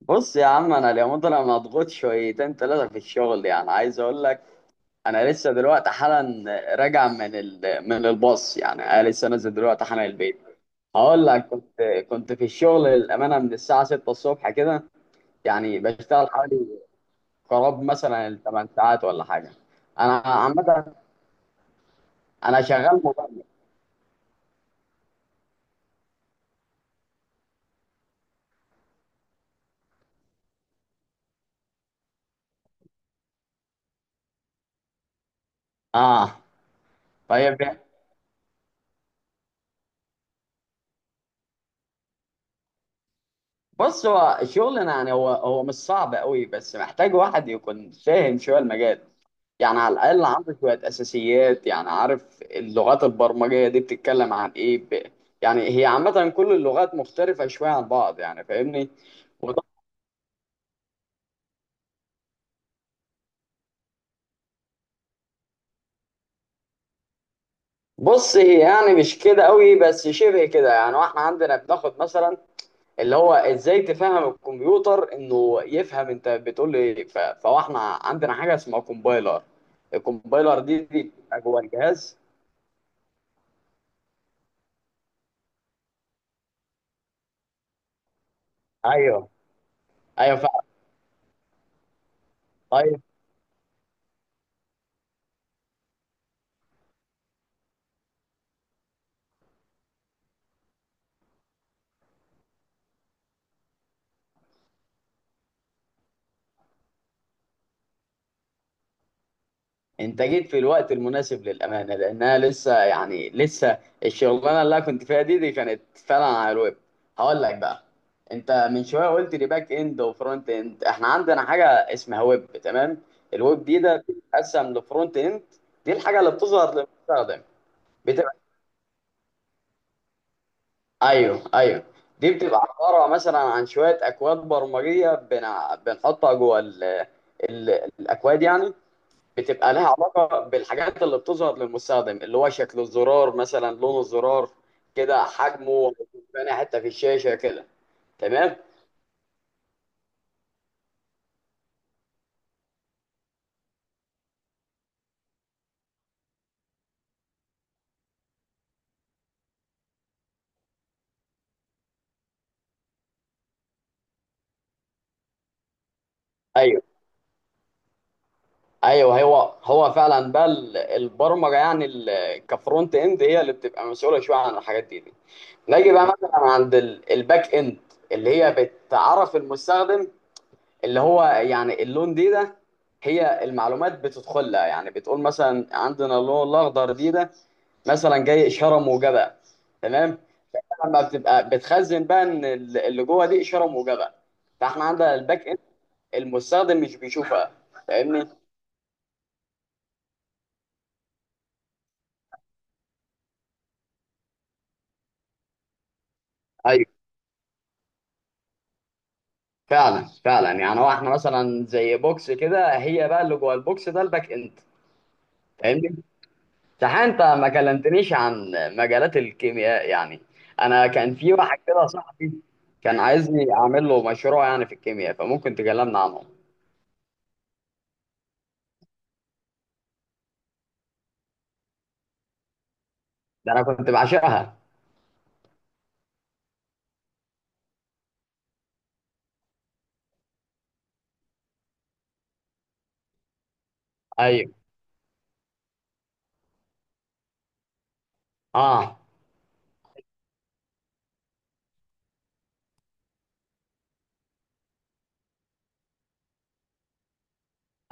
بص يا عم، انا اليومين دول انا مضغوط شويتين ثلاثه في الشغل. يعني عايز اقول لك انا لسه دلوقتي حالا راجع من الباص. يعني انا لسه نازل دلوقتي حالا البيت. هقول لك كنت في الشغل الامانه من الساعه 6 الصبح كده. يعني بشتغل حوالي قراب مثلا ال 8 ساعات ولا حاجه. انا عامه، انا شغال مبرمج. اه طيب يعني. بص هو الشغل، يعني هو مش صعب قوي، بس محتاج واحد يكون فاهم شويه المجال. يعني على الاقل عنده شويه اساسيات، يعني عارف اللغات البرمجيه دي بتتكلم عن ايه. يعني هي عامه كل اللغات مختلفه شويه عن بعض، يعني فاهمني. وط- بص هي يعني مش كده قوي بس شبه كده. يعني واحنا عندنا بناخد مثلا اللي هو ازاي تفهم الكمبيوتر انه يفهم انت بتقول ايه. فاحنا عندنا حاجه اسمها كومبايلر. الكومبايلر دي بتبقى جوه الجهاز. ايوه، ايوه، فعلا. طيب انت جيت في الوقت المناسب للامانه، لانها لسه يعني لسه الشغلانه اللي انا كنت فيها دي كانت فعلا على الويب. هقول لك بقى، انت من شويه قلت لي باك اند وفرونت اند، احنا عندنا حاجه اسمها ويب، تمام. الويب دي ده بتتقسم لفرونت اند. دي الحاجه اللي بتظهر للمستخدم. بتبقى، ايوه، ايوه. دي بتبقى عباره مثلا عن شويه اكواد برمجيه بنحطها جوه ال- الاكواد يعني. بتبقى لها علاقة بالحاجات اللي بتظهر للمستخدم، اللي هو شكل الزرار مثلا، لون الزرار كده، حجمه، تاني حتة في الشاشة كده. تمام. ايوه، ايوه، هو فعلا بقى البرمجة. يعني كفرونت اند هي اللي بتبقى مسؤولة شوية عن الحاجات دي. نيجي بقى مثلا عند الباك اند اللي هي بتعرف المستخدم، اللي هو يعني اللون دي ده. هي المعلومات بتدخلها، يعني بتقول مثلا عندنا اللون الاخضر دي ده مثلا جاي اشاره موجبه. تمام. لما بتبقى بتخزن بقى ان اللي جوه دي اشاره موجبه، فاحنا عندنا الباك اند، المستخدم مش بيشوفها. فاهمني؟ ايوه، فعلا، فعلا. يعني هو احنا مثلا زي بوكس كده، هي بقى اللي جوه البوكس ده الباك اند. فاهمني؟ صح. انت ما كلمتنيش عن مجالات الكيمياء يعني. انا كان في واحد كده صاحبي كان عايزني اعمل له مشروع يعني في الكيمياء، فممكن تكلمنا عنه. ده انا كنت بعشقها. ايوه. اه.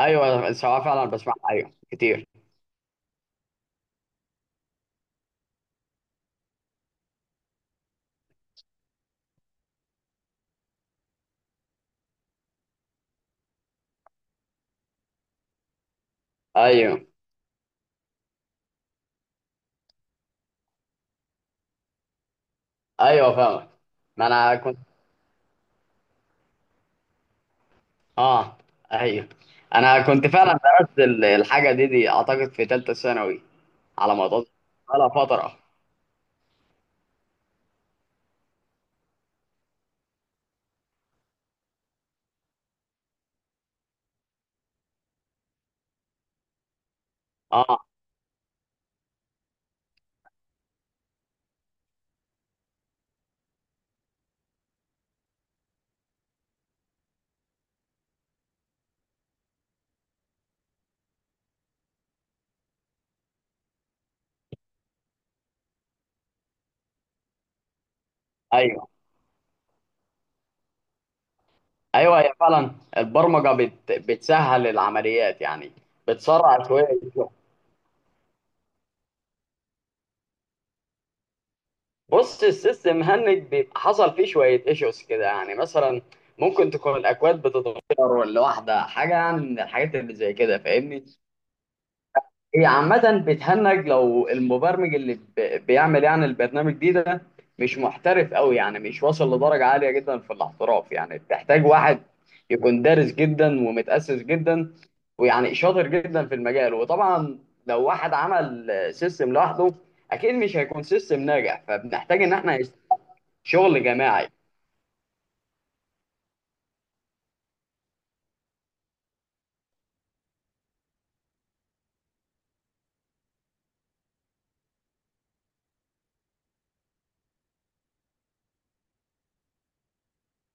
ايوه الصراحه فعلا بسمعها ايوه كتير. ايوه، ايوه، فاهمك. ما انا كنت اه، ايوه، انا كنت فعلا درست الحاجه دي اعتقد في ثالثه ثانوي، على ما اتذكر، على فتره. اه. ايوه، ايوه هي فعلا البرمجه بتسهل العمليات يعني. بتسرع شويه الشغل. بص السيستم هنج بيبقى حصل فيه شويه ايشوز كده، يعني مثلا ممكن تكون الاكواد بتتغير ولا واحده، حاجه يعني من الحاجات اللي زي كده. فاهمني؟ هي عامة بتهنج لو المبرمج اللي بيعمل يعني البرنامج دي ده مش محترف قوي، يعني مش واصل لدرجة عالية جدا في الاحتراف. يعني بتحتاج واحد يكون دارس جدا ومتأسس جدا، ويعني شاطر جدا في المجال. وطبعا لو واحد عمل سيستم لوحده اكيد مش هيكون سيستم ناجح، فبنحتاج ان احنا شغل جماعي.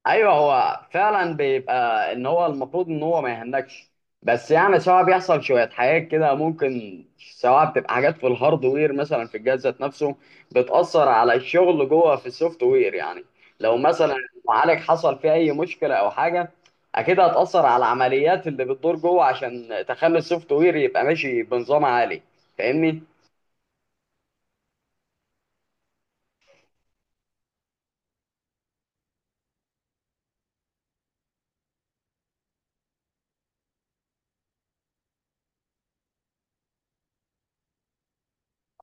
ايوه هو فعلا بيبقى ان هو المفروض ان هو ما يهنكش، بس يعني سواء بيحصل شويه حاجات كده، ممكن سواء بتبقى حاجات في الهاردوير مثلا في الجهاز ذات نفسه بتاثر على الشغل جوه في السوفت وير يعني. لو مثلا المعالج حصل فيه اي مشكله او حاجه اكيد هتاثر على العمليات اللي بتدور جوه عشان تخلي السوفت وير يبقى ماشي بنظام عالي. فاهمني؟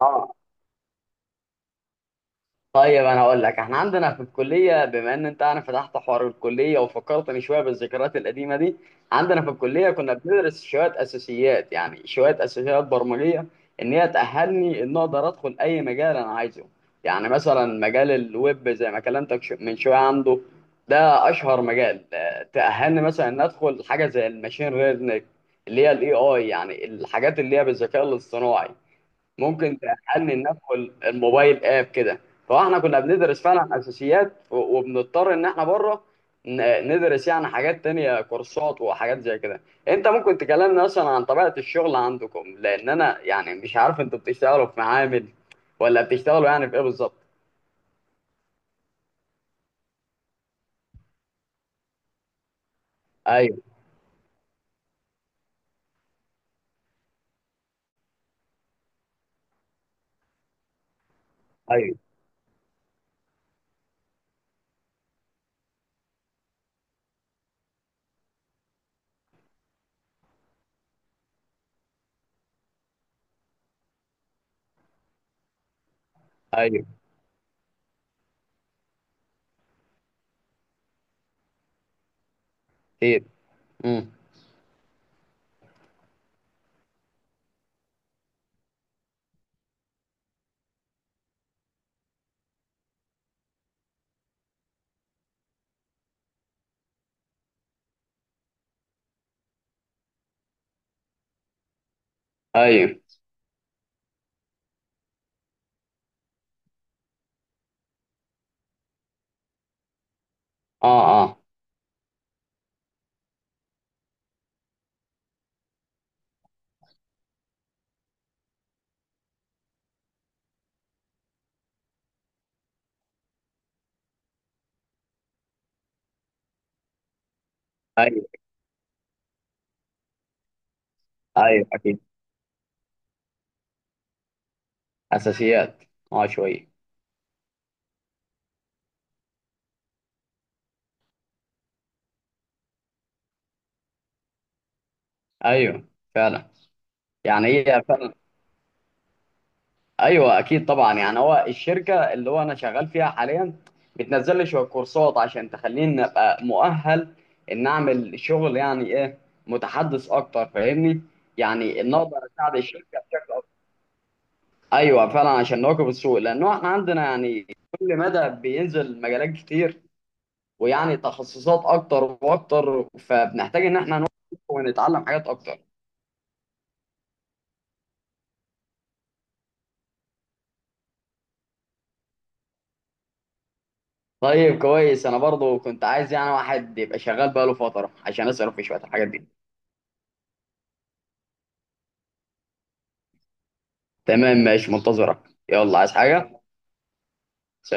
اه. طيب انا هقول لك، احنا عندنا في الكليه، بما ان انت انا فتحت حوار الكليه وفكرتني شويه بالذكريات القديمه دي، عندنا في الكليه كنا بندرس شويه اساسيات، يعني شويه اساسيات برمجيه، ان هي تاهلني ان اقدر ادخل اي مجال انا عايزه. يعني مثلا مجال الويب زي ما كلمتك من شويه عنده، ده اشهر مجال. تاهلني مثلا ان ادخل حاجه زي الماشين ليرنينج اللي هي الاي اي، يعني الحاجات اللي هي بالذكاء الاصطناعي. ممكن تأني ندخل الموبايل اب كده. فاحنا كنا بندرس فعلا اساسيات، وبنضطر ان احنا بره ندرس يعني حاجات تانية، كورسات وحاجات زي كده. انت ممكن تكلمنا مثلا عن طبيعة الشغل عندكم، لان انا يعني مش عارف انتوا بتشتغلوا في معامل ولا بتشتغلوا يعني في ايه بالظبط. ايوه. ايوه. ايوه اكيد. امم. ايوه. اه. اه. ايوه. ايوه اكيد. اساسيات. اه، شوية. ايوه فعلا. يعني هي فعلا. ايوه اكيد طبعا. يعني هو الشركه اللي هو انا شغال فيها حاليا بتنزل لي شويه كورسات عشان تخليني ابقى مؤهل، ان اعمل شغل يعني ايه، متحدث اكتر. فاهمني؟ يعني ان اقدر اساعد الشركه بشكل اكتر. ايوه فعلا عشان نواكب السوق، لانه احنا عندنا يعني كل مدى بينزل مجالات كتير، ويعني تخصصات اكتر واكتر، فبنحتاج ان احنا نواكب ونتعلم حاجات اكتر. طيب كويس. انا برضو كنت عايز يعني واحد يبقى شغال بقاله فتره عشان اساله في شويه الحاجات دي. تمام ماشي، منتظرك. يلا عايز حاجة؟